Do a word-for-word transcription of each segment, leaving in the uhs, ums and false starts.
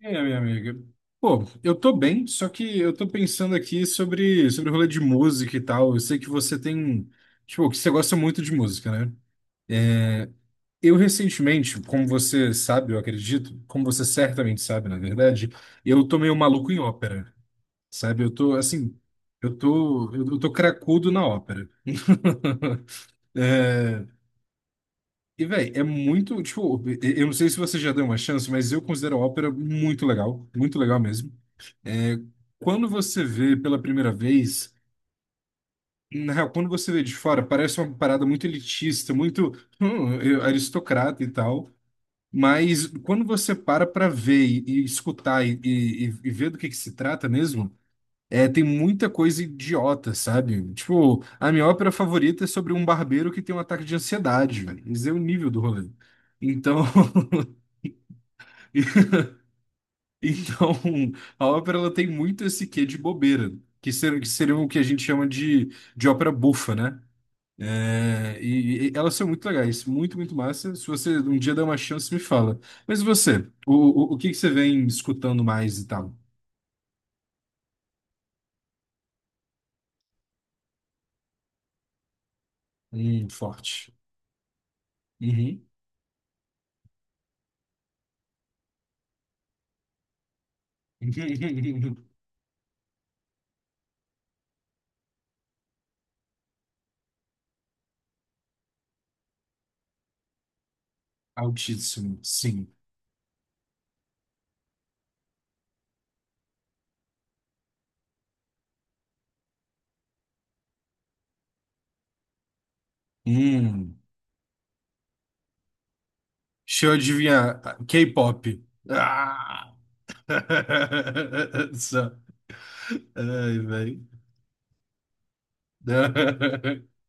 E aí, minha amiga? Pô, eu tô bem, só que eu tô pensando aqui sobre, sobre o rolê de música e tal. Eu sei que você tem, tipo, que você gosta muito de música, né? É, eu recentemente, como você sabe, eu acredito, como você certamente sabe, na verdade, eu tô meio maluco em ópera, sabe? Eu tô, assim, eu tô, eu tô cracudo na ópera. É, e, velho, é muito, tipo, eu não sei se você já deu uma chance, mas eu considero a ópera muito legal, muito legal mesmo. É, quando você vê pela primeira vez, na real, quando você vê de fora, parece uma parada muito elitista, muito hum, eu- aristocrata e tal. Mas quando você para para ver e, e escutar e, e, e ver do que que se trata mesmo, é, tem muita coisa idiota, sabe? Tipo, a minha ópera favorita é sobre um barbeiro que tem um ataque de ansiedade, velho. Isso é o nível do rolê. Então, então, a ópera ela tem muito esse quê de bobeira, que ser- que seria o que a gente chama de, de ópera bufa, né? É, e, e elas são muito legais, muito, muito massa. Se você um dia der uma chance, me fala. Mas você, o, o, o que que você vem escutando mais e tal? Hum, forte. Uhum. Altíssimo, sim. Hum, deixa eu adivinhar. K-pop. Ah! Só. Ai, velho.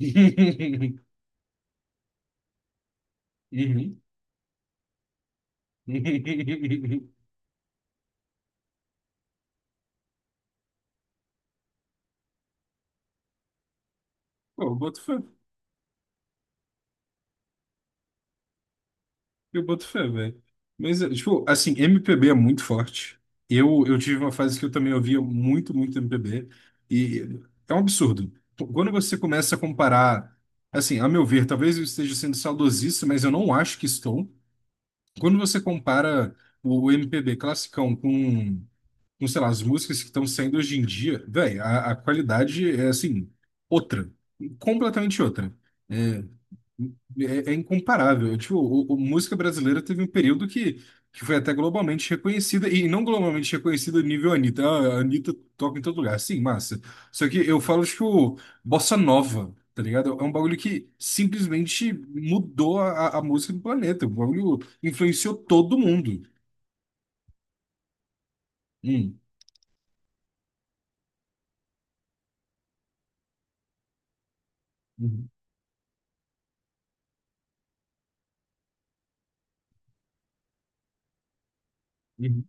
Uhum. Uhum. Uhum. Pô, eu boto fé, eu boto fé, velho. Mas, é, tipo, assim, M P B é muito forte. Eu, eu tive uma fase que eu também ouvia muito, muito M P B. E é um absurdo. Quando você começa a comparar, assim, a meu ver, talvez eu esteja sendo saudosista, mas eu não acho que estou. Quando você compara o M P B classicão com com, sei lá, as músicas que estão saindo hoje em dia, velho, a, a qualidade é assim, outra, completamente outra. É, é, é incomparável. É, tipo, o, o- música brasileira teve um período que, que foi até globalmente reconhecida, e não globalmente reconhecida nível Anitta. Ah, a Anitta toca em todo lugar, sim, massa. Só que eu falo, tipo, bossa nova. Tá ligado? É um bagulho que simplesmente mudou a, a a música do planeta. O bagulho influenciou todo mundo. Hum. Uhum. Uhum.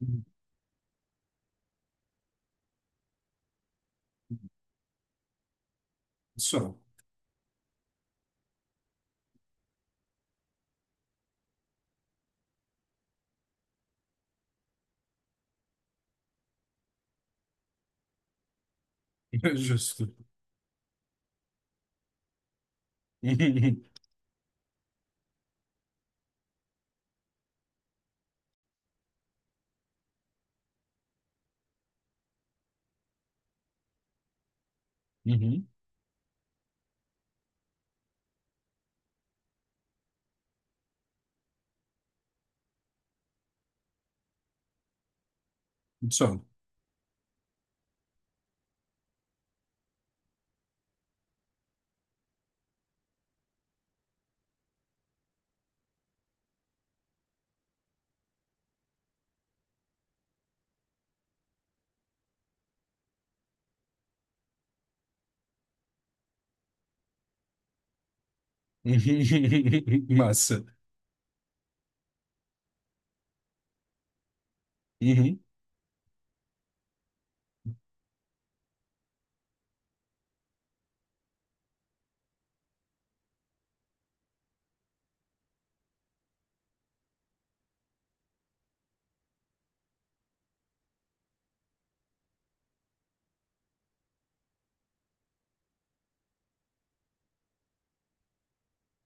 Uhum. Só. Justo. Uhum. Uhum. Só. Uhum. Massa. Uhum.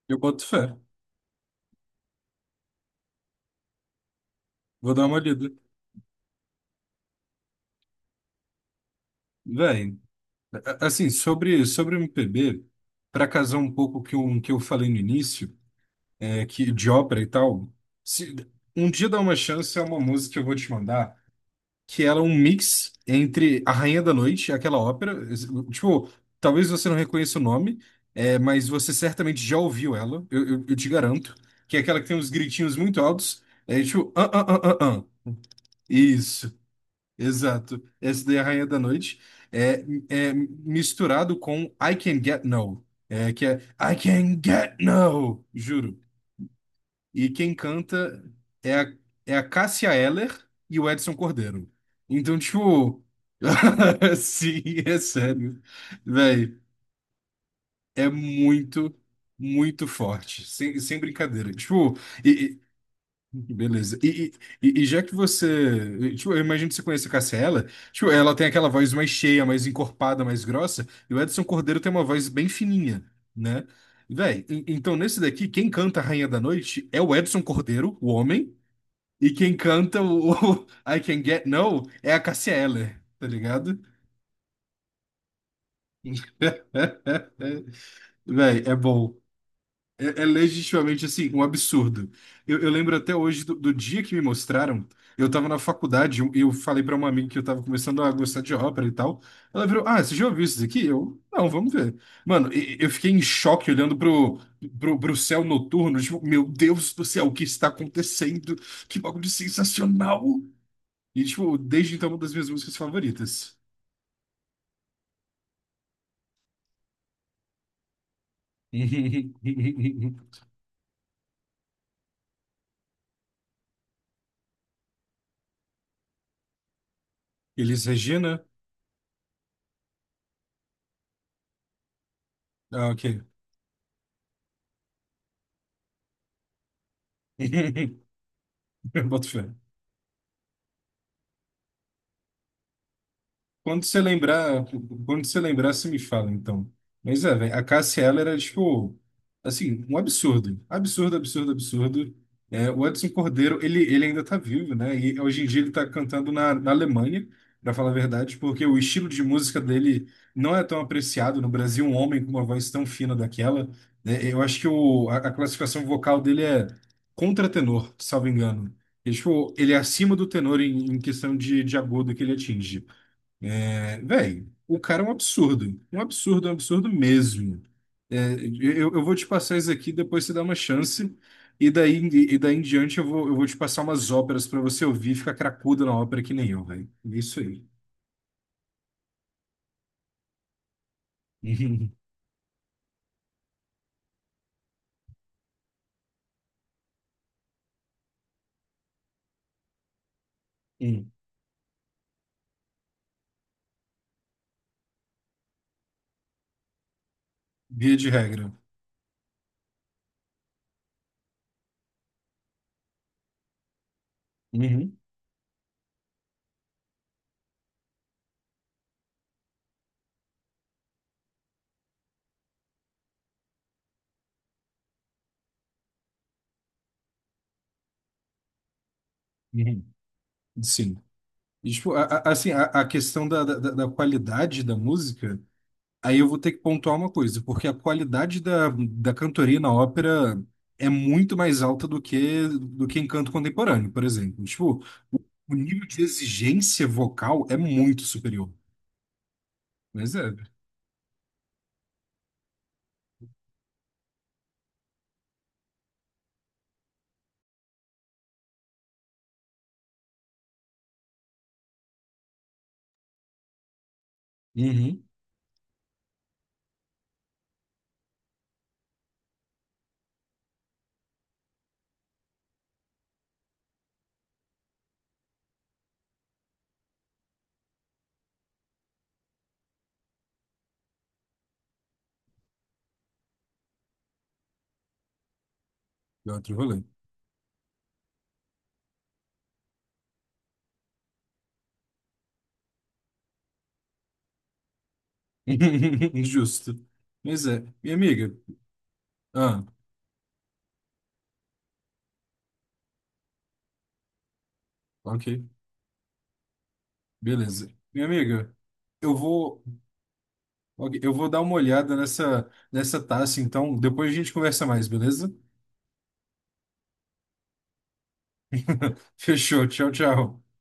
Eu boto fé. Vou dar uma olhada. Véi, a- assim, sobre, sobre o M P B, para casar um pouco o que eu, que eu falei no início, é, que de ópera e tal, se, um dia dá uma chance, é uma música que eu vou te mandar. Que ela é um mix entre A Rainha da Noite, aquela ópera. Tipo, talvez você não reconheça o nome, é, mas você certamente já ouviu ela, eu, eu- eu te garanto. Que é aquela que tem uns gritinhos muito altos. É tipo, ah, ah, ah, ah, ah. Isso, exato. Essa daí é a Rainha da Noite. É, é misturado com I Can Get No. É, que é I Can Get No, juro. E quem canta é a, é a Cássia Eller e o Edson Cordeiro. Então, tipo. Sim, é sério. Velho, é muito, muito forte. Sem, sem brincadeira. Tipo, e- e- beleza. E, e, e- e já que você. Tipo, eu imagino que você conhece a Cássia Eller. Tipo, ela tem aquela voz mais cheia, mais encorpada, mais grossa. E o Edson Cordeiro tem uma voz bem fininha, né? Véi, en- então nesse daqui, quem canta a Rainha da Noite é o Edson Cordeiro, o homem. E quem canta o, o I Can Get No é a Cássia Eller, tá ligado? Véi, é bom. É, é legitimamente, assim, um absurdo. Eu, eu lembro até hoje do, do dia que me mostraram. Eu tava na faculdade e eu falei pra uma amiga que eu tava começando a gostar de ópera e tal. Ela virou, ah, você já ouviu isso daqui? Eu, não, vamos ver. Mano, e- eu fiquei em choque olhando pro, pro, pro céu noturno. Tipo, meu Deus do céu, o que está acontecendo? Que bagulho sensacional! E, tipo, desde então, é uma das minhas músicas favoritas. Elis Regina? Ah, ok. Boto fé. Quando você lembrar, quando você lembrar, você me fala, então. Mas é, velho, a Cássia ela era, tipo, assim, um absurdo. Absurdo, absurdo, absurdo. É, o Edson Cordeiro, ele, ele ainda tá vivo, né? E hoje em dia ele tá cantando na, na Alemanha, pra falar a verdade, porque o estilo de música dele não é tão apreciado no Brasil, um homem com uma voz tão fina daquela. Né? Eu acho que o, a, a classificação vocal dele é contratenor, salvo engano. E, tipo, ele é acima do tenor em, em questão de, de agudo que ele atinge. É, véi, o cara é um absurdo. Um absurdo, um absurdo mesmo. É, eu, eu vou te passar isso aqui, depois você dá uma chance. E daí, e daí em diante eu vou, eu vou te passar umas óperas pra você ouvir e ficar cracudo na ópera que nem eu, velho. Isso aí. Uhum, uhum. Via de regra. Uhum, uhum. Sim. E, tipo, a- a- assim, a, a questão da, da, da- da qualidade da música. Aí eu vou ter que pontuar uma coisa, porque a qualidade da, da cantoria na ópera é muito mais alta do que do que em canto contemporâneo, por exemplo. Tipo, o, o nível de exigência vocal é muito superior. Mas é. Uhum. É outro rolê. Justo. Mas é. Minha amiga. Ah, ok. Beleza. Minha amiga, eu vou, ok, eu vou dar uma olhada nessa, nessa taça, então depois a gente conversa mais, beleza? Fechou. Tchau, tchau.